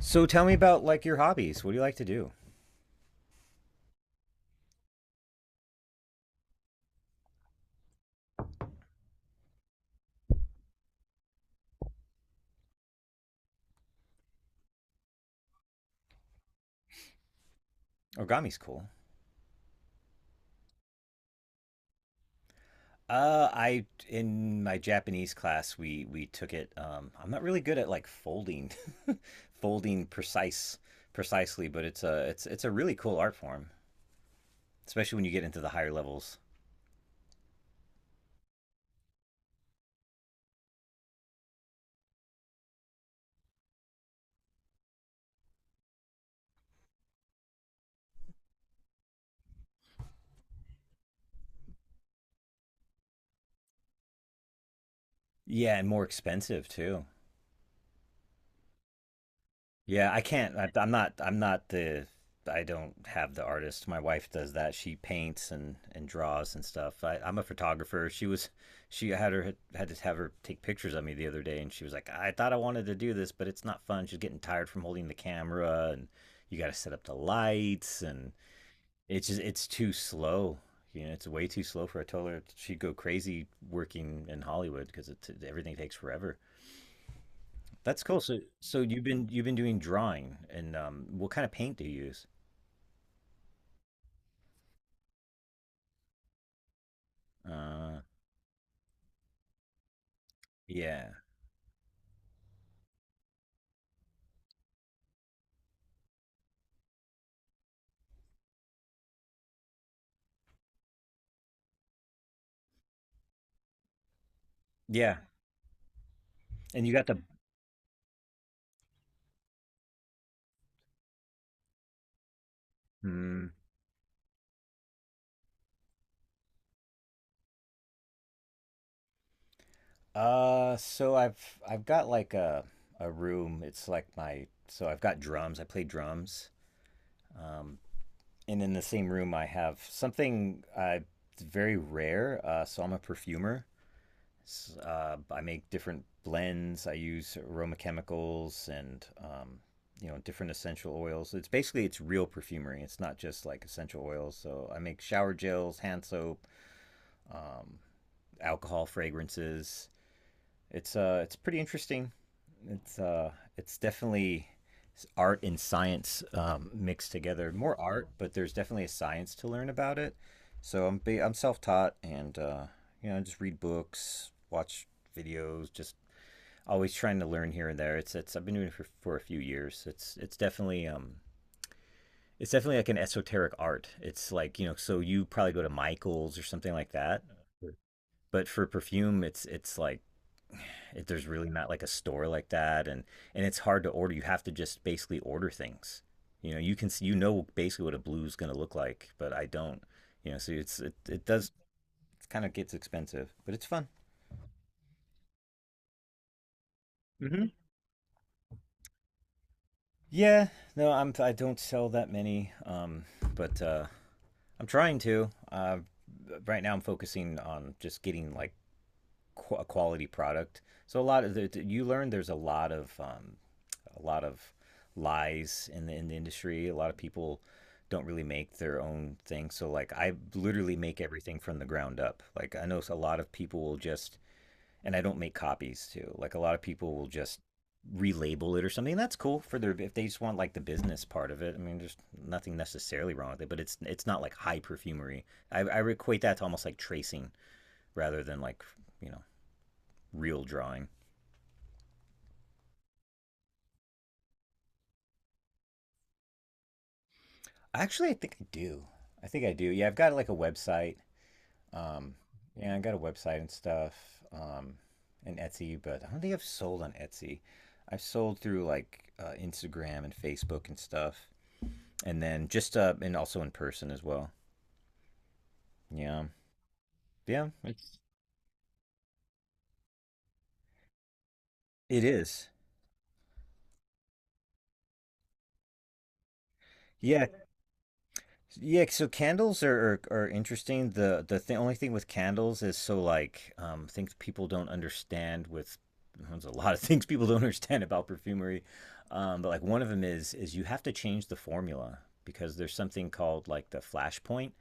So tell me about like your hobbies. What do you like to do? Origami's cool. I In my Japanese class we took it. I'm not really good at like folding, folding precisely, but it's a really cool art form, especially when you get into the higher levels. Yeah, and more expensive too. Yeah, I can't. I'm not. I'm not the. I don't have the artist. My wife does that. She paints and draws and stuff. I'm a photographer. She was. She had to have her take pictures of me the other day, and she was like, "I thought I wanted to do this, but it's not fun." She's getting tired from holding the camera, and you got to set up the lights, and it's just it's too slow. You know, it's way too slow for a toddler. She'd go crazy working in Hollywood because everything takes forever. That's cool. So you've been doing drawing, and what kind of paint do you use? Uh yeah. Yeah. And you got the. mm, so I've got like a room. It's like my so I've got drums. I play drums. Um and in the same room I have something. It's very rare. So I'm a perfumer. I make different blends. I use aroma chemicals and, different essential oils. It's basically it's real perfumery. It's not just like essential oils. So I make shower gels, hand soap, um, alcohol fragrances. It's pretty interesting. It's definitely art and science, mixed together. More art, but there's definitely a science to learn about it. So I'm self taught and, I just read books, watch videos, just always trying to learn here and there. It's I've been doing it for a few years. It's definitely like an esoteric art. It's like, so you probably go to Michaels or something like that. But for perfume, there's really not like a store like that, and it's hard to order. You have to just basically order things. You know, you can see, basically what a blue is going to look like, but I don't. You know, so it's it, it does it kind of gets expensive, but it's fun. Mm-hmm. Yeah, no, I don't sell that many, but I'm trying to. Right now, I'm focusing on just getting like a quality product. So a lot of the, you learn there's a lot of, a lot of lies in the industry. A lot of people don't really make their own thing. So like I literally make everything from the ground up. Like I know a lot of people will just. And I don't make copies too. Like a lot of people will just relabel it or something. That's cool for their if they just want like the business part of it. I mean, there's nothing necessarily wrong with it, but it's not like high perfumery. I equate that to almost like tracing rather than, you know real drawing. Actually, I think I do. I think I do. Yeah, I've got like a website. Um, yeah, I got a website and stuff. Um, and Etsy, but I don't think I've sold on Etsy. I've sold through like, Instagram and Facebook and stuff, and then just, and also in person as well. Yeah, yeah, it is. Yeah, yeah. So candles are interesting. The only thing with candles is, so like, things people don't understand with, there's a lot of things people don't understand about perfumery. But like one of them is you have to change the formula because there's something called like the flash point.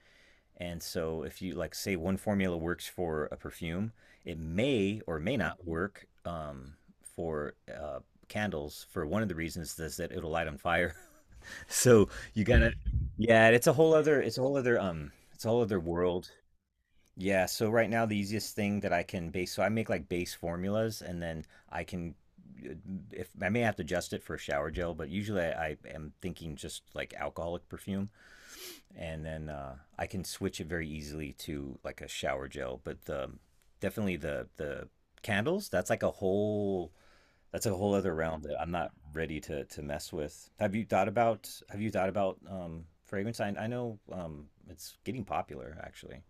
And so, if you like, say one formula works for a perfume, it may or may not work, for candles, for one of the reasons is that it'll light on fire. So you gotta, yeah, it's a whole other, it's a whole other, it's a whole other world. Yeah. So right now, the easiest thing that I can base, so I make like base formulas, and then I can, uh, if I may have to adjust it for a shower gel, but usually I am thinking just like alcoholic perfume, and then I can switch it very easily to like a shower gel. But the, definitely the candles, that's like a whole that's a whole other realm that I'm not ready to mess with. Have you thought about Have you thought about fragrance? I know, it's getting popular actually.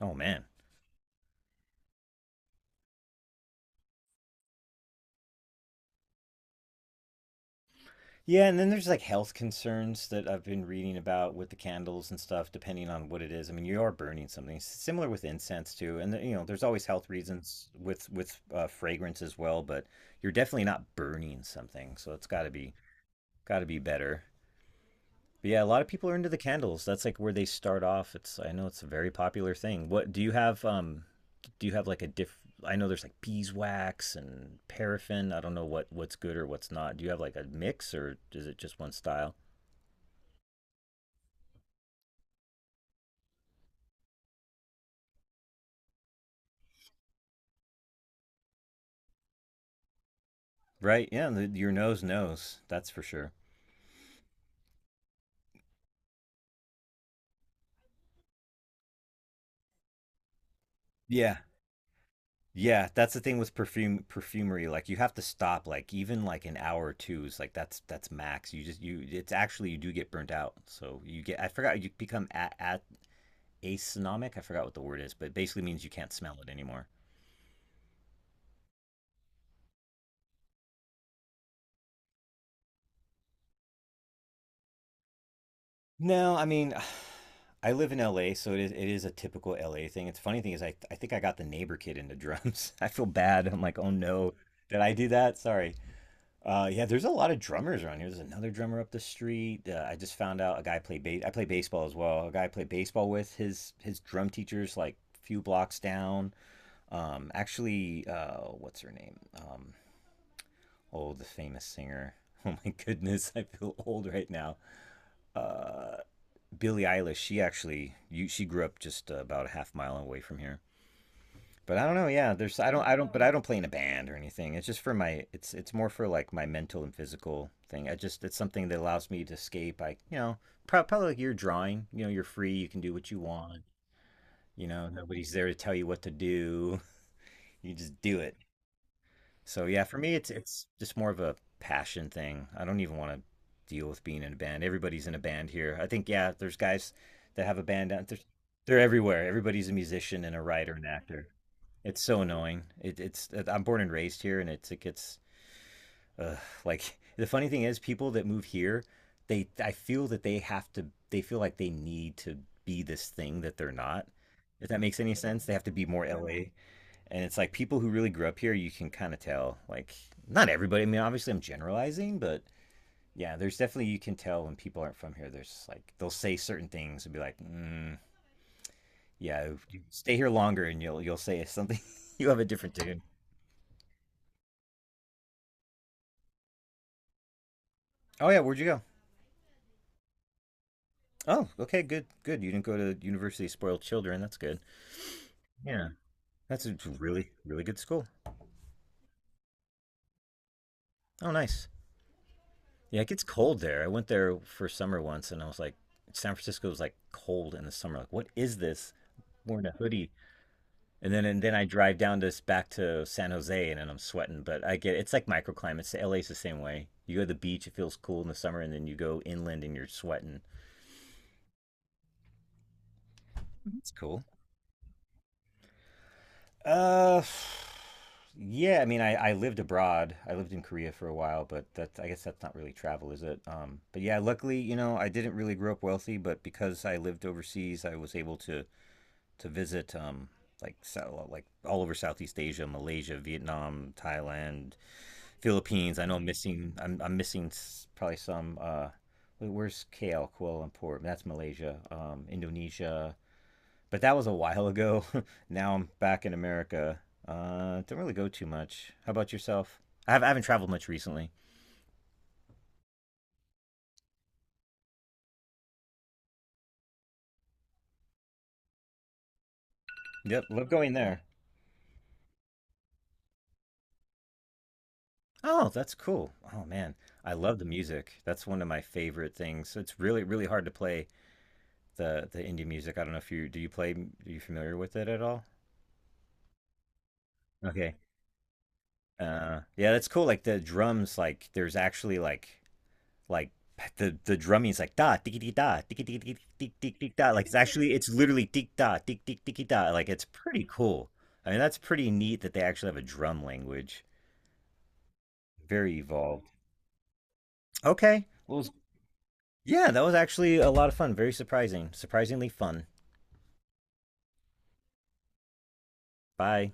Oh man. Yeah, and then there's like health concerns that I've been reading about with the candles and stuff, depending on what it is. I mean, you are burning something. It's similar with incense too, and, there's always health reasons with, fragrance as well. But you're definitely not burning something, so it's got to be better. But yeah, a lot of people are into the candles. That's like where they start off. It's I know it's a very popular thing. What do you have? Do you have like a diff? I know there's like beeswax and paraffin. I don't know what's good or what's not. Do you have like a mix or is it just one style? Right? Yeah, your nose knows. That's for sure. Yeah. Yeah, that's the thing with perfumery. Like you have to stop like, even like an hour or two is like that's max. You just you It's actually you do get burnt out. So you get, I forgot, you become at asonomic. I forgot what the word is, but it basically means you can't smell it anymore. No, I mean, I live in LA, so it is a typical LA thing. It's funny thing is I think I got the neighbor kid into drums. I feel bad. I'm like, "Oh no, did I do that? Sorry." Yeah, there's a lot of drummers around here. There's another drummer up the street. I just found out a guy played ba- I play baseball as well. A guy I played baseball with, his drum teacher's like a few blocks down. Actually, what's her name? Oh, the famous singer. Oh my goodness, I feel old right now. Uh, Billie Eilish. She she grew up just about a half mile away from here. But I don't know. Yeah, there's I don't but I don't play in a band or anything. It's more for like my mental and physical thing. I just It's something that allows me to escape. I, probably like you're drawing. You know you're free. You can do what you want. You know nobody's there to tell you what to do. You just do it. So yeah, for me it's just more of a passion thing. I don't even want to deal with being in a band. Everybody's in a band here. I think, yeah, there's guys that have a band. Out- There's They're everywhere. Everybody's a musician and a writer and actor. It's so annoying. It, it's I'm born and raised here, and it gets, uh, like the funny thing is people that move here, they I feel that they have to they feel like they need to be this thing that they're not. If that makes any sense, they have to be more LA. And it's like people who really grew up here, you can kind of tell. Like not everybody. I mean, obviously I'm generalizing, but yeah, there's definitely you can tell when people aren't from here. There's like they'll say certain things and be like, yeah, you stay here longer and you'll say something. You'll have a different tune. Oh yeah, where'd you go? Oh, okay, good, good. You didn't go to University of Spoiled Children. That's good. Yeah. That's a really, really good school. Oh, nice. Yeah, it gets cold there. I went there for summer once, and I was like, San Francisco was like cold in the summer. Like, what is this? Wearing a hoodie, and then I drive down this back to San Jose, and then I'm sweating. But I get it's like microclimates. LA's the same way. You go to the beach, it feels cool in the summer, and then you go inland, and you're sweating. It's cool. Uh, yeah. I mean, I lived abroad. I lived in Korea for a while, but that's I guess that's not really travel, is it? But yeah, luckily, I didn't really grow up wealthy, but because I lived overseas, I was able to visit, like, like all over Southeast Asia, Malaysia, Vietnam, Thailand, Philippines. I know I'm missing. I'm missing probably some. Wait, where's KL, Kuala Lumpur? That's Malaysia. Indonesia, but that was a while ago. Now I'm back in America. Don't really go too much. How about yourself? I haven't traveled much recently. Yep, love going there. Oh, that's cool. Oh man, I love the music. That's one of my favorite things. It's really really hard to play the indie music. I don't know if you, do you play? Are you familiar with it at all? Okay. Yeah, that's cool. Like the drums, like there's actually like the drumming is like da tiki tiki tiki da, like it's literally tick da tick tick tiki da, like it's pretty cool. I mean that's pretty neat that they actually have a drum language. Very evolved. Okay. Well, yeah, that was actually a lot of fun. Very surprising. Surprisingly fun. Bye.